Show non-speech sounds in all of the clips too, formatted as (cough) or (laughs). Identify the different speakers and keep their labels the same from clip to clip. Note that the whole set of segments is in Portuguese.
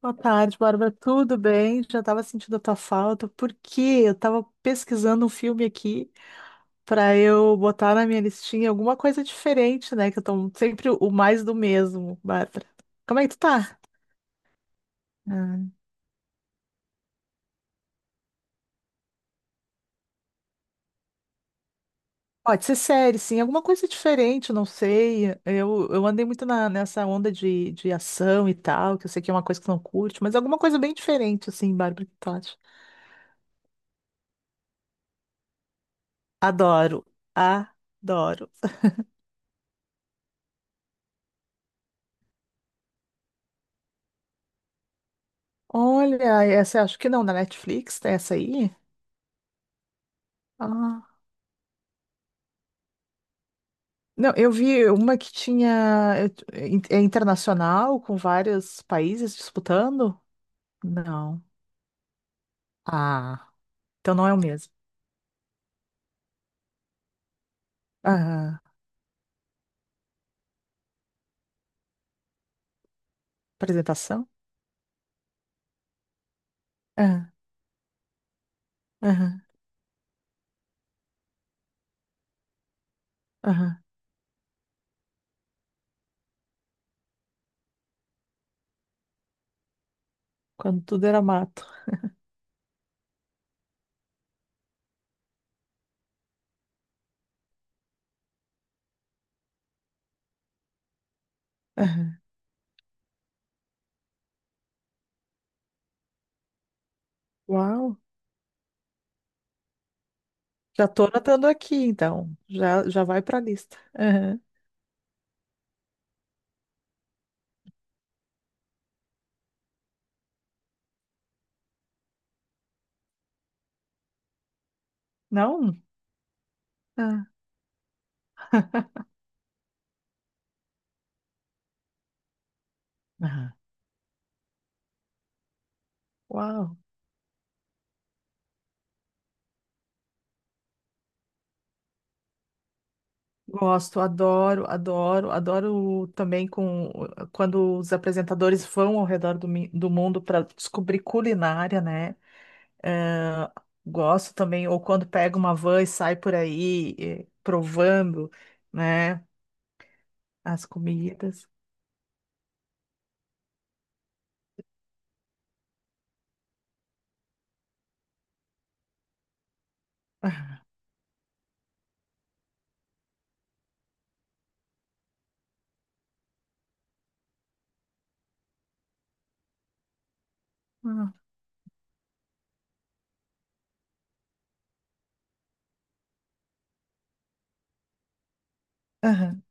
Speaker 1: Boa tarde, Bárbara. Tudo bem? Já estava sentindo a tua falta, porque eu estava pesquisando um filme aqui para eu botar na minha listinha alguma coisa diferente, né? Que eu tô sempre o mais do mesmo, Bárbara. Como é que tu tá? Ah, pode ser série, sim, alguma coisa diferente, não sei. Eu andei muito nessa onda de ação e tal, que eu sei que é uma coisa que tu não curte, mas alguma coisa bem diferente, assim, Bárbara, o que tu acha? Adoro, adoro. Olha, essa eu acho que não, na Netflix, tem essa aí? Ah. Não, eu vi uma que tinha. É internacional, com vários países disputando? Não. Ah, então não é o mesmo. Ah, apresentação? Ah, aham, aham. Quando tudo era mato. Aham. Uau! Já tô anotando aqui, então. Já, já vai pra lista. Aham. Não? Ah, (laughs) aham. Uau! Gosto, adoro, adoro, adoro também com quando os apresentadores vão ao redor do, do mundo para descobrir culinária, né? Eh, gosto também, ou quando pega uma van e sai por aí provando, né, as comidas. Ah, aham,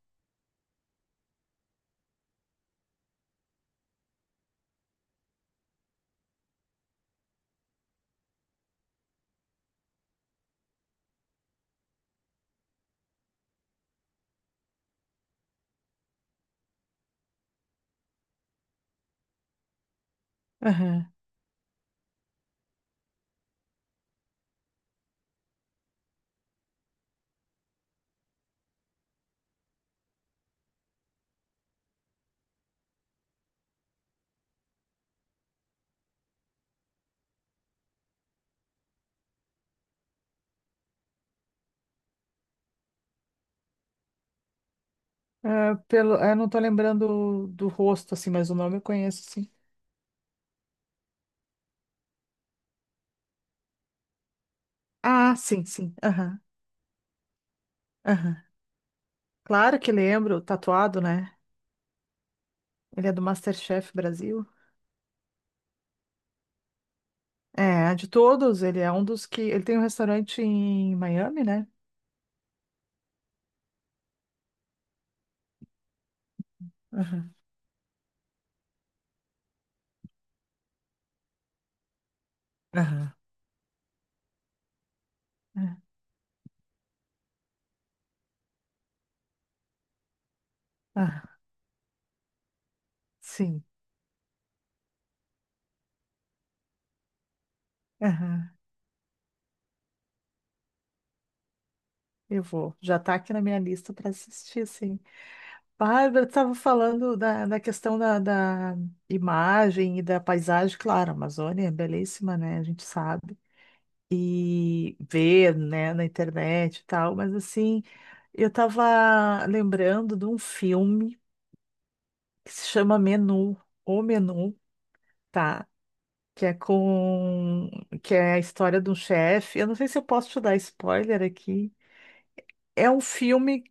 Speaker 1: aham. Ah, pelo, eu não tô lembrando do rosto, assim, mas o nome eu conheço, sim. Ah, sim, sim, aham, aham. Claro que lembro, tatuado, né? Ele é do MasterChef Brasil. É, de todos, ele é um dos que. Ele tem um restaurante em Miami, né? Aham, aham, é, ah, sim. Aham, eu vou. Já tá aqui na minha lista para assistir, sim. Bárbara, tu tava falando da, da questão da imagem e da paisagem, claro, a Amazônia é belíssima, né? A gente sabe. E ver, né, na internet e tal, mas assim, eu tava lembrando de um filme que se chama Menu, O Menu. Tá? Que é com, que é a história de um chefe. Eu não sei se eu posso te dar spoiler aqui. É um filme,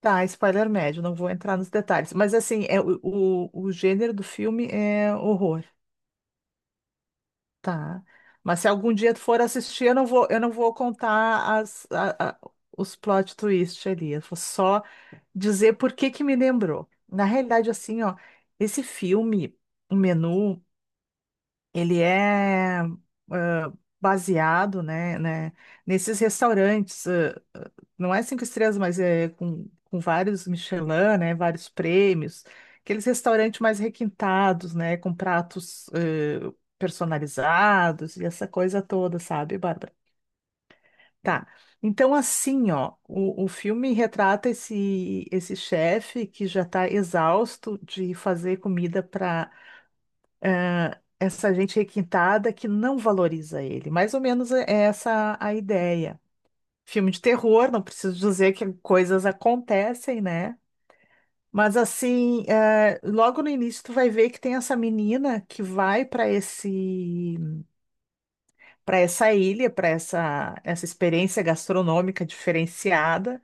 Speaker 1: tá, spoiler médio, não vou entrar nos detalhes, mas assim, é o gênero do filme é horror, tá? Mas se algum dia tu for assistir, eu não vou contar as, os plot twist ali. Eu vou só dizer por que que me lembrou. Na realidade, assim, ó, esse filme, o menu, ele é ah, baseado, né, né, nesses restaurantes, não é cinco estrelas, mas é com vários Michelin, né, vários prêmios, aqueles restaurantes mais requintados, né, com pratos personalizados e essa coisa toda, sabe, Bárbara? Tá. Então, assim, ó, o filme retrata esse, esse chefe que já está exausto de fazer comida para essa gente requintada que não valoriza ele. Mais ou menos é essa a ideia. Filme de terror, não preciso dizer que coisas acontecem, né? Mas assim, logo no início tu vai ver que tem essa menina que vai para esse, para essa ilha, para essa, essa experiência gastronômica diferenciada.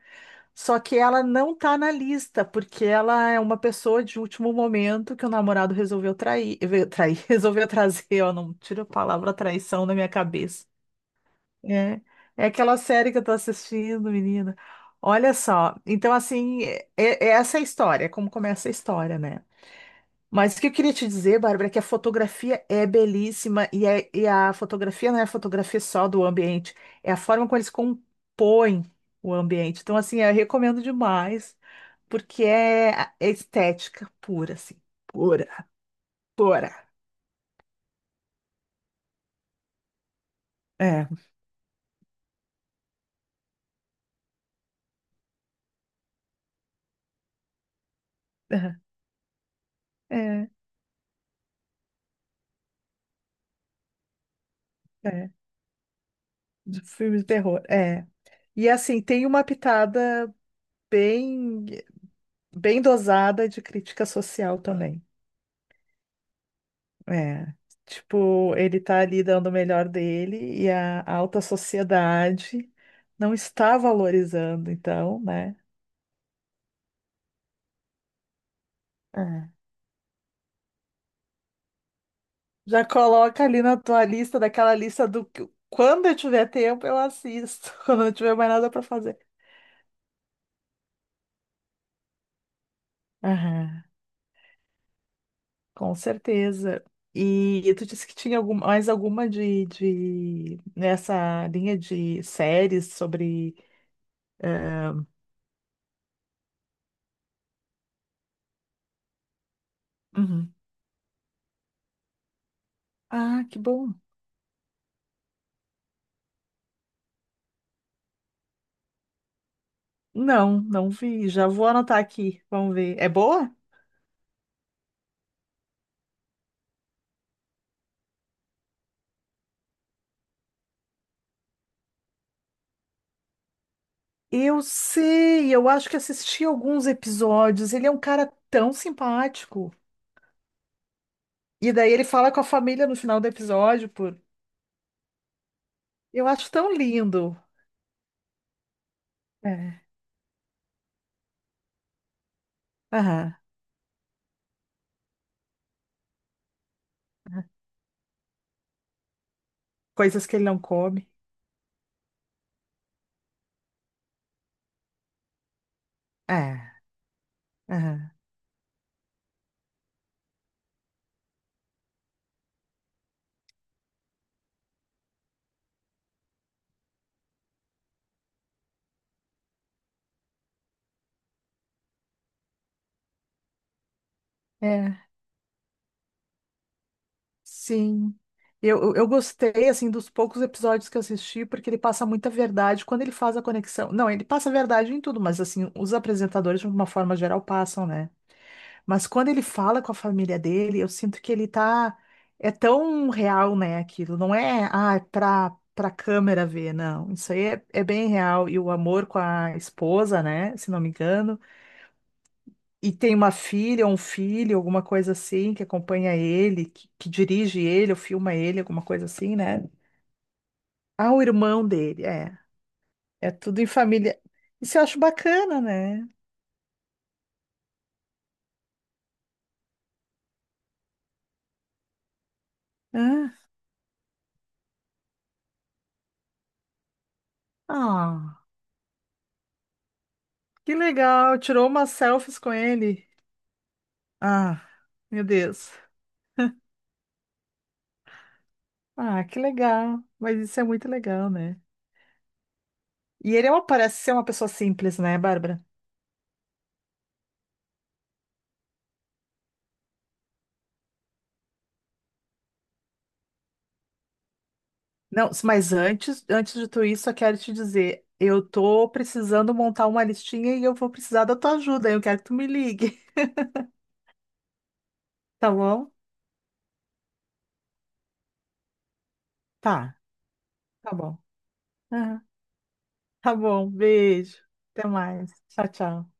Speaker 1: Só que ela não tá na lista, porque ela é uma pessoa de último momento que o namorado resolveu trair, trair, (laughs) resolveu trazer, ó, não tiro a palavra traição da minha cabeça. É, é aquela série que eu tô assistindo, menina. Olha só, então assim, é, é essa a história, é como começa a história, né? Mas o que eu queria te dizer, Bárbara, é que a fotografia é belíssima e, e a fotografia não é a fotografia só do ambiente, é a forma como eles compõem o ambiente. Então, assim, eu recomendo demais porque é, é estética pura, assim, pura, pura. É, é, é, é. De filme de terror, é. E assim, tem uma pitada bem, bem dosada de crítica social também. É. Tipo, ele tá ali dando o melhor dele e a alta sociedade não está valorizando, então, né? É. Já coloca ali na tua lista, daquela lista do que quando eu tiver tempo eu assisto, (laughs) quando eu não tiver mais nada para fazer. Aham, com certeza. E tu disse que tinha mais alguma de nessa linha de séries sobre. Uhum. Ah, que bom. Não, não vi. Já vou anotar aqui. Vamos ver. É boa? Eu sei, eu acho que assisti alguns episódios. Ele é um cara tão simpático. E daí ele fala com a família no final do episódio, por... Eu acho tão lindo. É. Aham. Coisas que ele não come. É. Aham. É. Sim. Eu gostei, assim, dos poucos episódios que eu assisti, porque ele passa muita verdade quando ele faz a conexão. Não, ele passa verdade em tudo, mas, assim, os apresentadores, de uma forma geral, passam, né? Mas quando ele fala com a família dele, eu sinto que ele tá... É tão real, né, aquilo. Não é, ah, é pra câmera ver, não. Isso aí é, é bem real. E o amor com a esposa, né, se não me engano, e tem uma filha, um filho, alguma coisa assim, que acompanha ele, que dirige ele, ou filma ele, alguma coisa assim, né? Ah, o irmão dele, é. É tudo em família. Isso eu acho bacana, né? Ah, ah, que legal. Tirou umas selfies com ele. Ah, meu Deus. Ah, que legal. Mas isso é muito legal, né? E ele é parece ser uma pessoa simples, né, Bárbara? Não, mas antes, antes de tudo isso, eu quero te dizer, eu tô precisando montar uma listinha e eu vou precisar da tua ajuda. Eu quero que tu me ligue, (laughs) tá bom? Tá, tá bom. Aham. Tá bom, beijo. Até mais. Tchau, tchau.